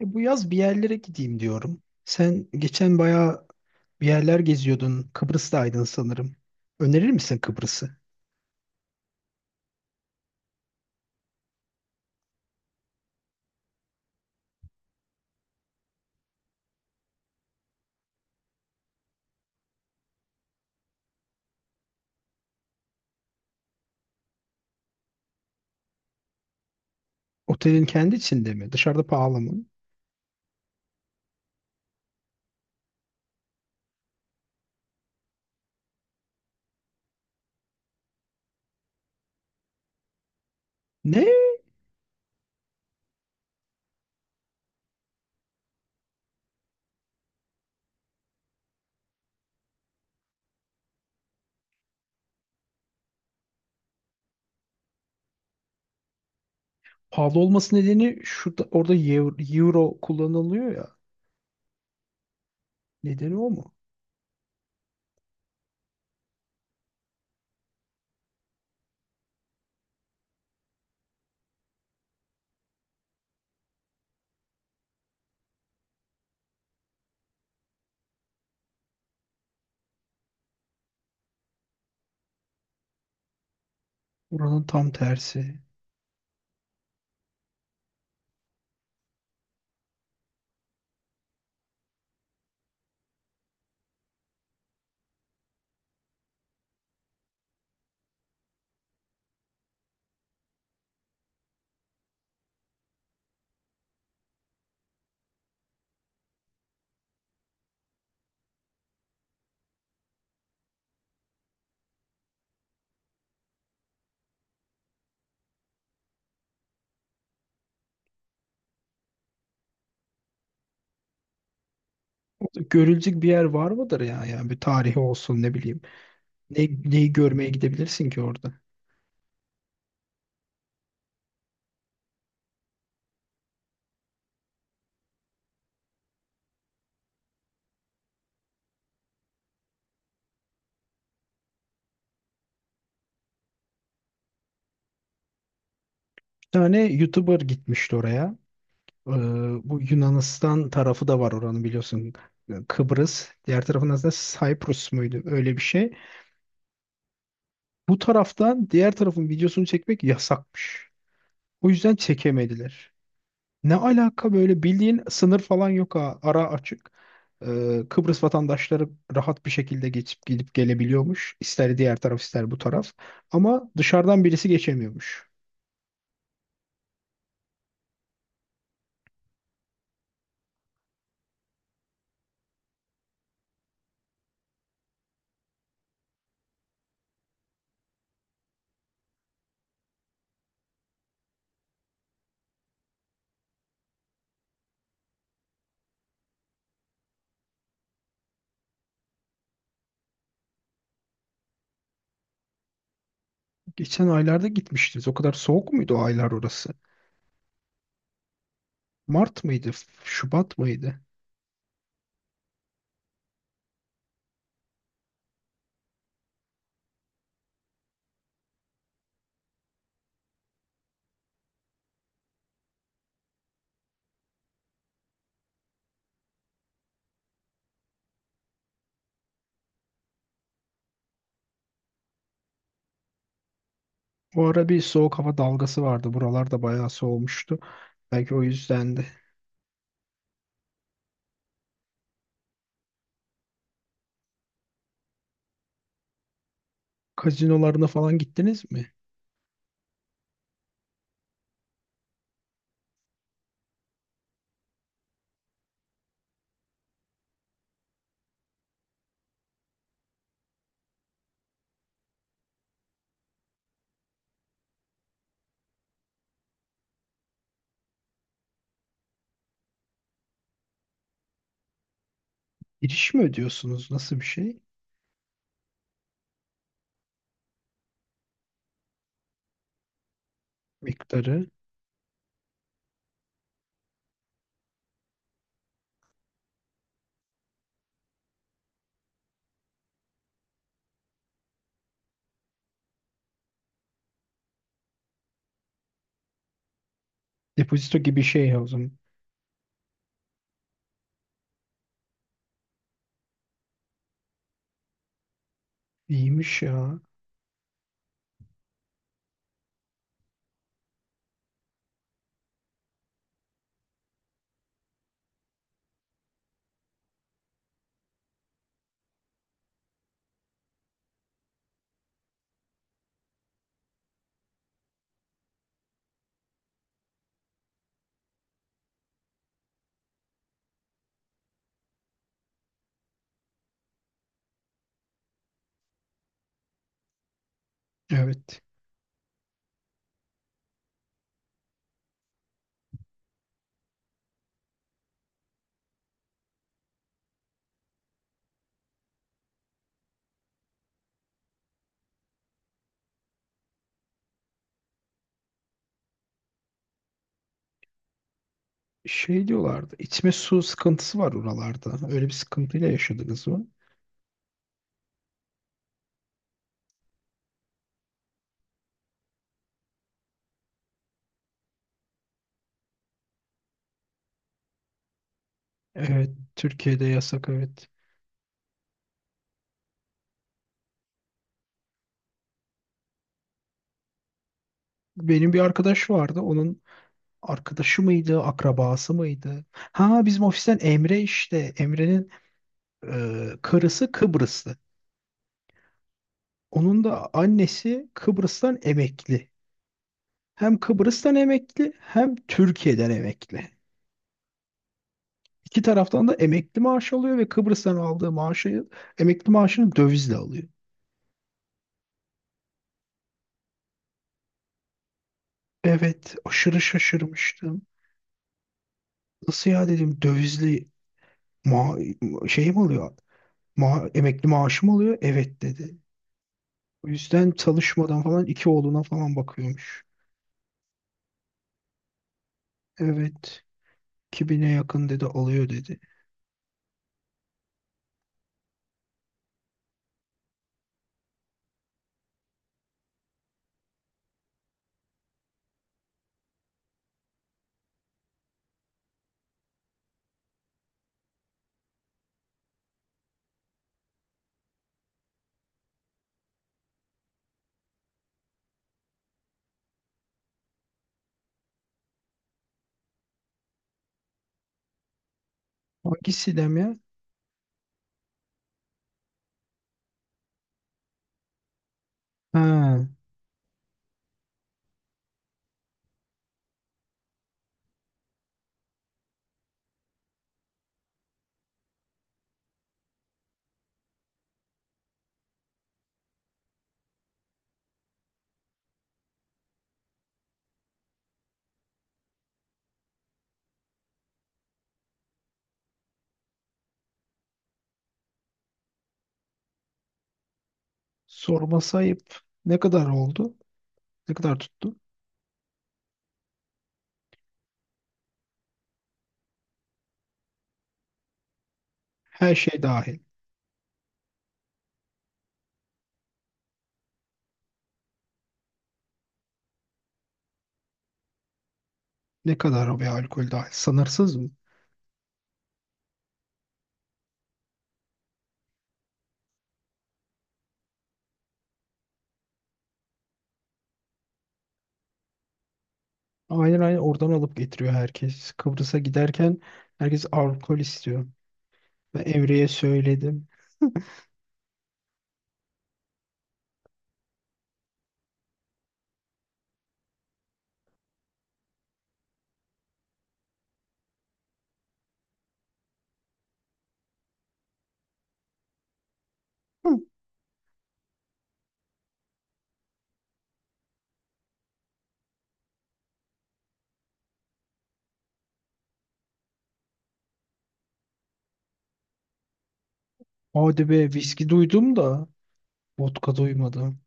E, bu yaz bir yerlere gideyim diyorum. Sen geçen bayağı bir yerler geziyordun. Kıbrıs'taydın sanırım. Önerir misin Kıbrıs'ı? Otelin kendi içinde mi? Dışarıda pahalı mı? Ne? Pahalı olması nedeni şurada orada euro, euro kullanılıyor ya. Nedeni o mu? Buranın tam tersi. Görülecek bir yer var mıdır ya? Yani bir tarihi olsun ne bileyim. Ne, neyi görmeye gidebilirsin ki orada? Bir tane YouTuber gitmişti oraya. Ee, Bu Yunanistan tarafı da var oranın biliyorsun. Kıbrıs. Diğer tarafın aslında Cyprus muydu? Öyle bir şey. Bu taraftan diğer tarafın videosunu çekmek yasakmış. O yüzden çekemediler. Ne alaka böyle bildiğin sınır falan yok ha. Ara açık. Kıbrıs vatandaşları rahat bir şekilde geçip gidip gelebiliyormuş. İster diğer taraf ister bu taraf. Ama dışarıdan birisi geçemiyormuş. Geçen aylarda gitmiştiniz. O kadar soğuk muydu o aylar orası? Mart mıydı? Şubat mıydı? O ara bir soğuk hava dalgası vardı. Buralarda bayağı soğumuştu. Belki o yüzden de. Kazinolarına falan gittiniz mi? Giriş mi ödüyorsunuz? Nasıl bir şey? Miktarı. Depozito gibi şey ya o zaman. İyiymiş ya. Evet. Şey diyorlardı. İçme su sıkıntısı var oralarda. Öyle bir sıkıntıyla yaşadınız mı? Evet. Türkiye'de yasak evet. Benim bir arkadaş vardı. Arkadaşı mıydı, akrabası mıydı? Ha bizim ofisten Emre işte. Emre'nin karısı Kıbrıslı. Onun da annesi Kıbrıs'tan emekli. Hem Kıbrıs'tan emekli hem Türkiye'den emekli. İki taraftan da emekli maaş alıyor ve Kıbrıs'tan aldığı maaşı emekli maaşını dövizle alıyor. Evet, aşırı şaşırmıştım. Nasıl ya dedim dövizli ma şey mi alıyor? Emekli maaşı mı alıyor? Evet dedi. O yüzden çalışmadan falan iki oğluna falan bakıyormuş. Evet. 2000'e yakın dedi alıyor dedi. Hangi dem ya? Ha, sorması ayıp. Ne kadar oldu? Ne kadar tuttu? Her şey dahil. Ne kadar o bir alkol dahil? Sınırsız mı? Aynen aynen oradan alıp getiriyor herkes. Kıbrıs'a giderken herkes alkol istiyor. Ben Emre'ye söyledim. Hı. Hadi be viski duydum da vodka duymadım.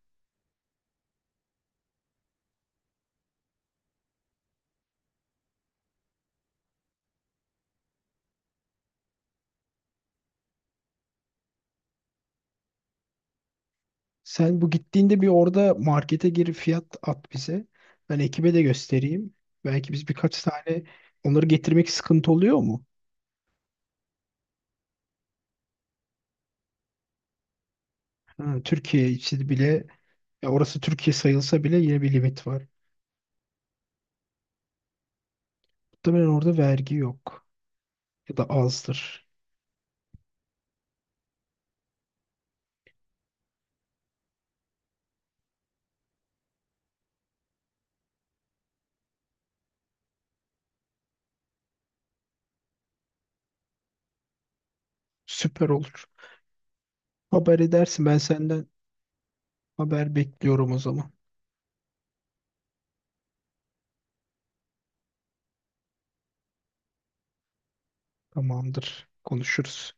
Sen bu gittiğinde bir orada markete girip fiyat at bize. Ben ekibe de göstereyim. Belki biz birkaç tane onları getirmek sıkıntı oluyor mu? Ha, Türkiye için bile ya orası Türkiye sayılsa bile yine bir limit var. Muhtemelen orada vergi yok ya da azdır. Süper olur. Haber edersin ben senden haber bekliyorum o zaman. Tamamdır. Konuşuruz.